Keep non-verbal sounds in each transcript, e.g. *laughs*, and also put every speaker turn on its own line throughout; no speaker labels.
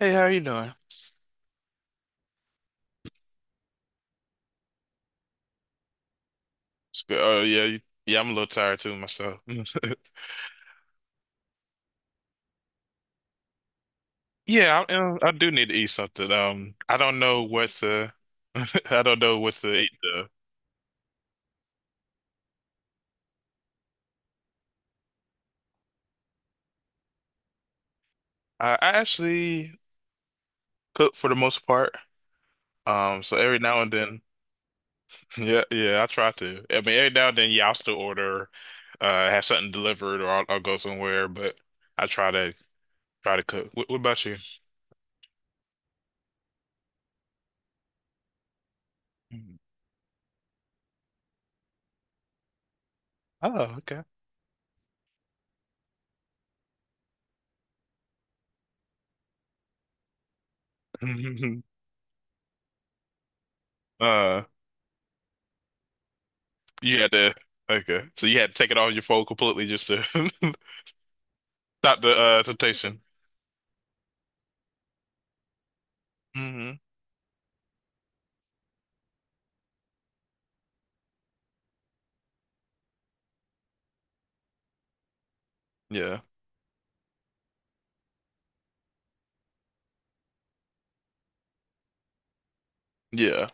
Hey, how you doing? It's good. Oh yeah, you, yeah. I'm a little tired too myself. *laughs* Yeah, I do need to eat something. I don't know what to. *laughs* I don't know what to eat though. I actually cook for the most part. So every now and then, *laughs* yeah, I try to. I mean, every now and then, yeah, I'll still order, have something delivered, or I'll go somewhere. But I try to cook. What about you? Mm. Oh, okay. *laughs* Uh, You had to, okay. So you had to take it off your phone completely just to *laughs* stop the temptation. Hmm. Yeah. Yeah.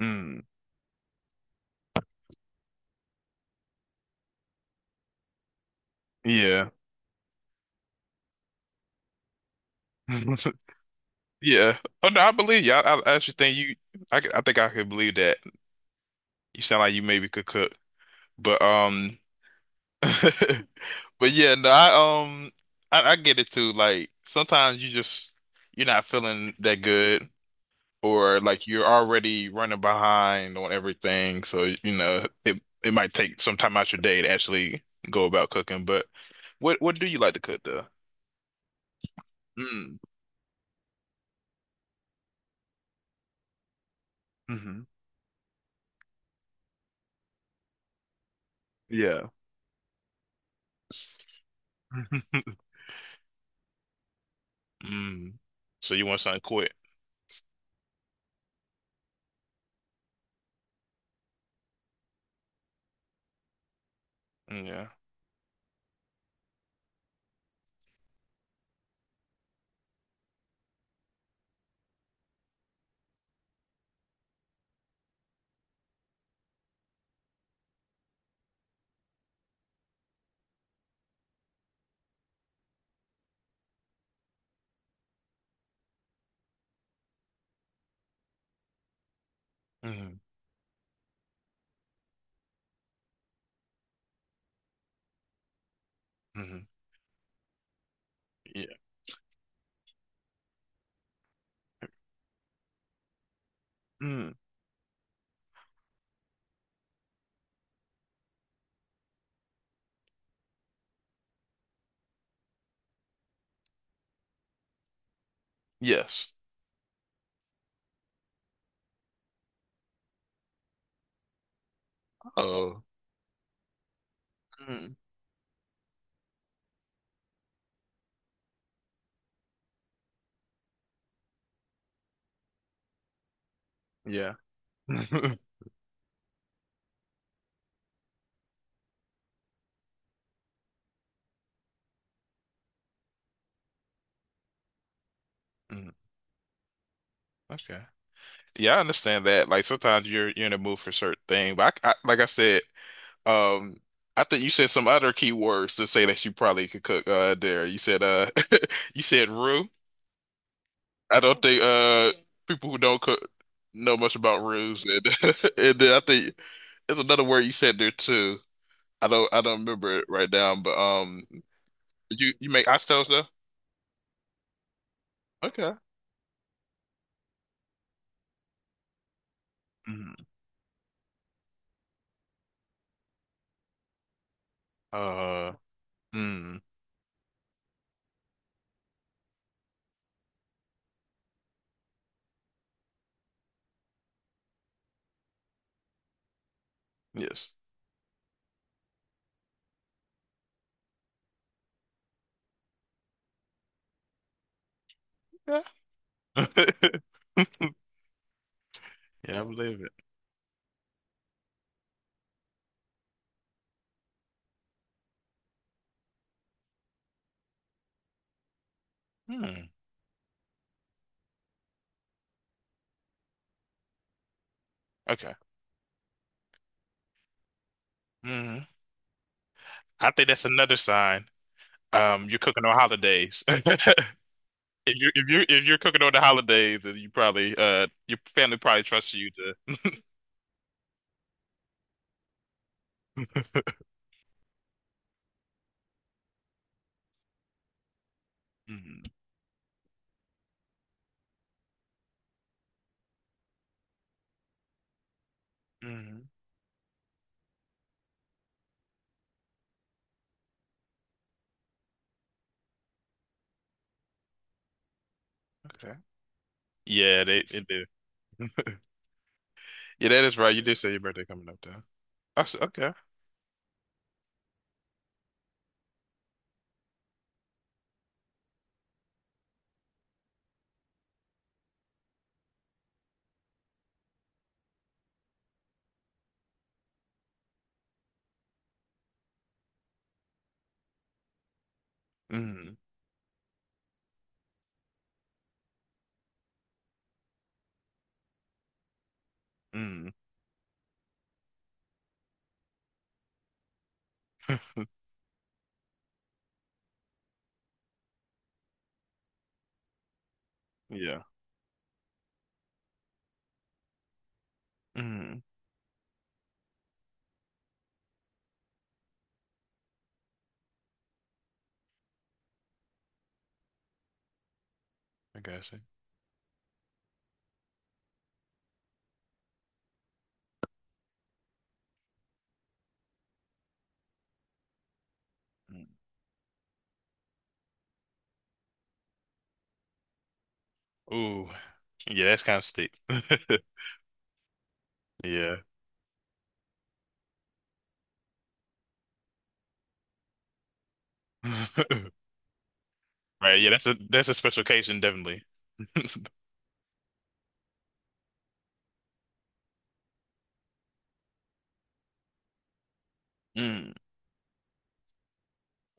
Mm. Yeah. *laughs* Yeah. Oh no, I believe you. I think I could believe that. You sound like you maybe could cook. But *laughs* but yeah, no, I get it too. Like sometimes you just you're not feeling that good or like you're already running behind on everything, so you know it might take some time out your day to actually go about cooking. But what do you like to cook though? Mm. Hmm. Yeah. *laughs* Mm. So you want something quick? Yeah. Mm. Hmm. Yeah. Mm. Yes. Oh. Mm. Yeah. *laughs* Mm. Okay. Yeah, I understand that. Like sometimes you're in the mood for a certain thing, but I like I said. Um, I think you said some other keywords to say that you probably could cook there. You said *laughs* you said roux. I don't think people who don't cook know much about roux and *laughs* and then I think there's another word you said there too. I don't remember it right now, but you you make oxtails though? Okay. Mm. Uh mm, yes. Yeah. *laughs* Yeah, I believe it. Hmm. Okay. Hmm. I think that's another sign. You're cooking on holidays. *laughs* If you're cooking on the holidays, then you probably your family probably trusts you to. Mhm. Mhm. Okay. Yeah, they do. *laughs* Yeah, that is right. You did say your birthday coming up though. I said okay. Mm. Mm. Yeah. Mm. I got you. Mm. Ooh. Yeah, that's kind of steep. *laughs* Yeah. *laughs* Right. Yeah, that's a special occasion, definitely. *laughs* Mm.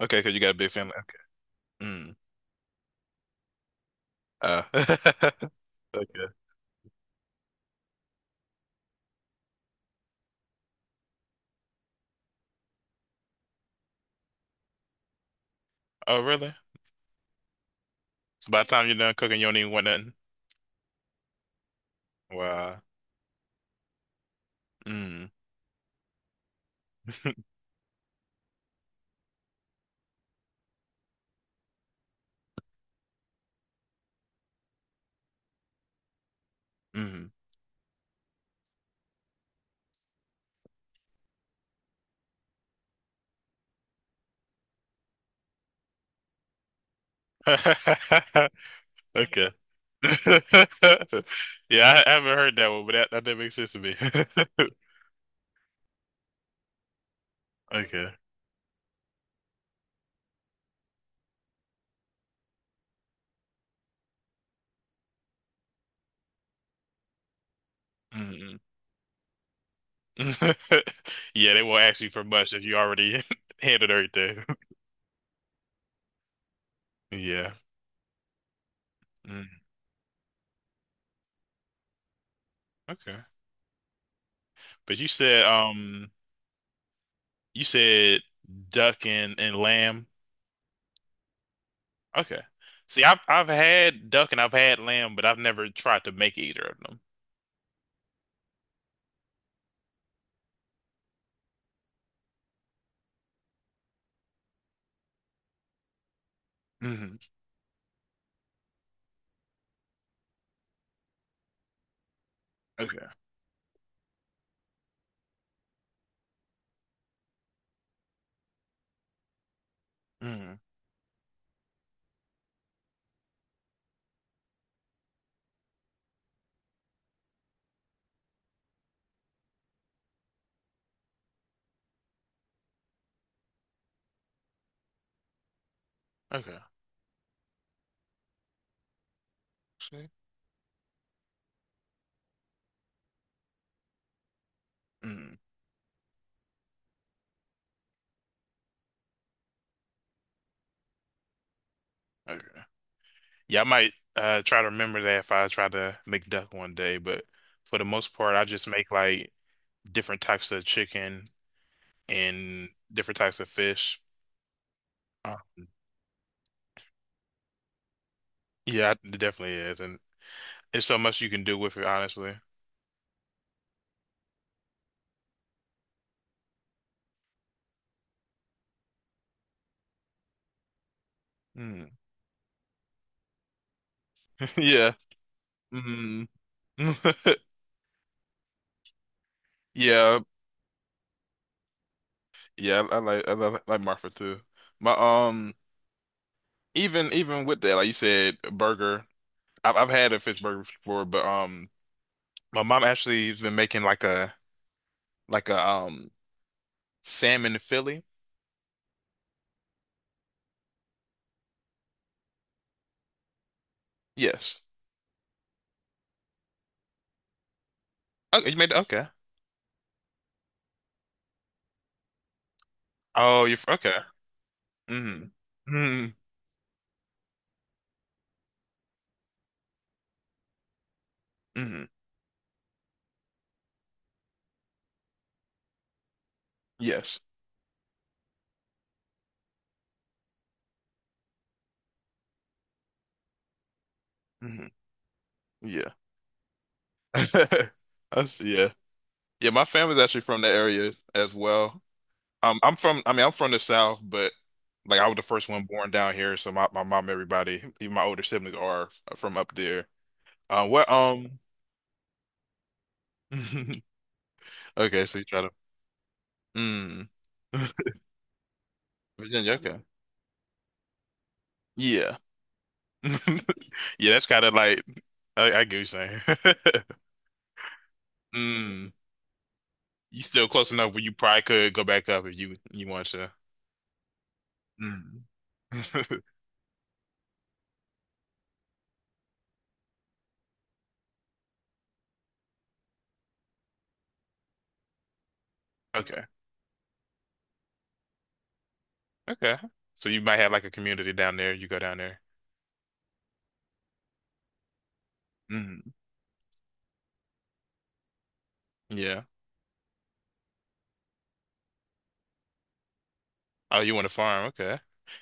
Okay, because you got a big family. Okay. Mm. Uh. *laughs* Okay. Oh, really? So by the time you're done cooking, you don't even want nothing. Wow. Mm. *laughs* Mm. *laughs* Okay. *laughs* Yeah, I haven't heard that one, but that makes sense to me. *laughs* Okay. Mm. *laughs* Yeah, they won't ask you for much if you already *laughs* handled everything. *laughs* Yeah. Mm. Okay. But you said duck and lamb. Okay. See, I've had duck and I've had lamb, but I've never tried to make either of them. Hmm. Okay. Hmm. Okay. See? Okay. Yeah, I might try to remember that if I try to make duck one day, but for the most part, I just make like different types of chicken and different types of fish. Um, yeah, it definitely is, and there's so much you can do with it, honestly. Mm. *laughs* Yeah. Mm. *laughs* Yeah, I like I love like Marfa too. My even even with that, like you said, a burger. I've had a fish burger before, but my mom actually has been making like a like a Sam in Philly? Yes. Okay, you made okay. Oh, you're f- okay. Mm-hmm. Mm-hmm. Mm-hmm. Yes. Mm-hmm. Yeah. *laughs* I see, yeah. Yeah, my family's actually from the area as well. I'm from the South, but like I was the first one born down here, so my mom, everybody, even my older siblings are from up there. What *laughs* okay, so you try to mm. *laughs* Virginia, okay. Yeah. *laughs* Yeah, that's kind of like I get what you're saying. *laughs* Mm. You still close enough where you probably could go back up if you want to. Mm. *laughs* Okay. Okay. So you might have like a community down there. You go down there. Mm. Yeah. Oh, you want to farm? Okay.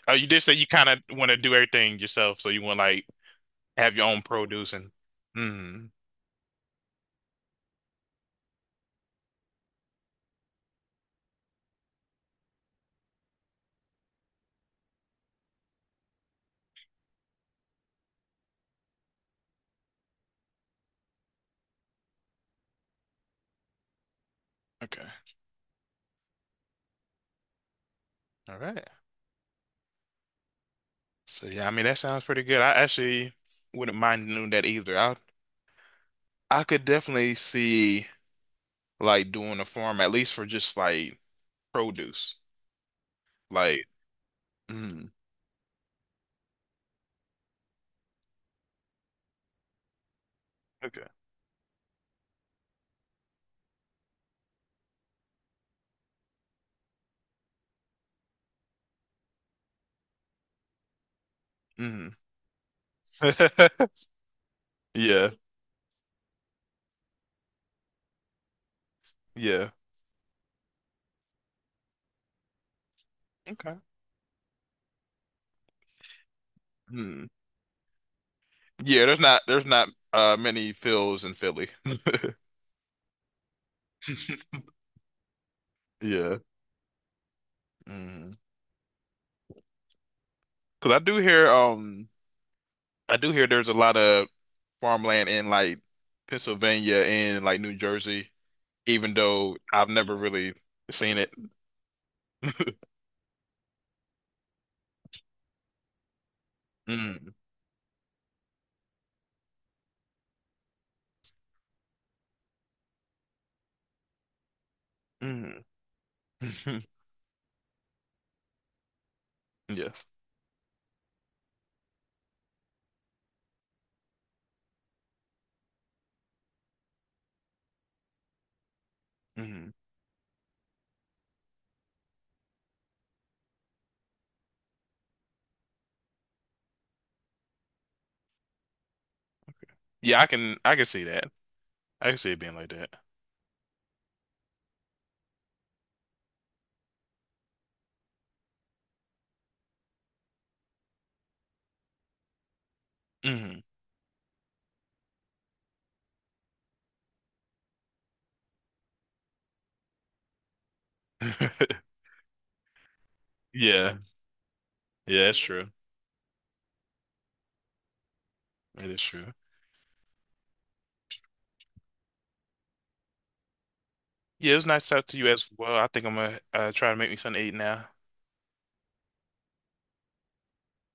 Oh, you did say you kind of want to do everything yourself, so you want like have your own produce and. Mm. Okay. All right. So yeah, I mean that sounds pretty good. I actually wouldn't mind doing that either. I could definitely see like doing a farm at least for just like produce, like. Mm. Okay. Hmm. *laughs* Yeah. Yeah. Okay. Hmm. Yeah, there's not many Phils in Philly. *laughs* Yeah. Hmm. Cause I do hear there's a lot of farmland in like Pennsylvania and like New Jersey, even though I've never really seen it. *laughs* Mm. Mm. *laughs* Yeah. Hmm. Yeah, I can see that. I can see it being like that. Hmm. *laughs* Yeah. Yeah, that's true. It is true. Yeah, it was nice to talk to you as well. I think I'm gonna try to make me something to eat now.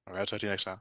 All right, I'll talk to you next time.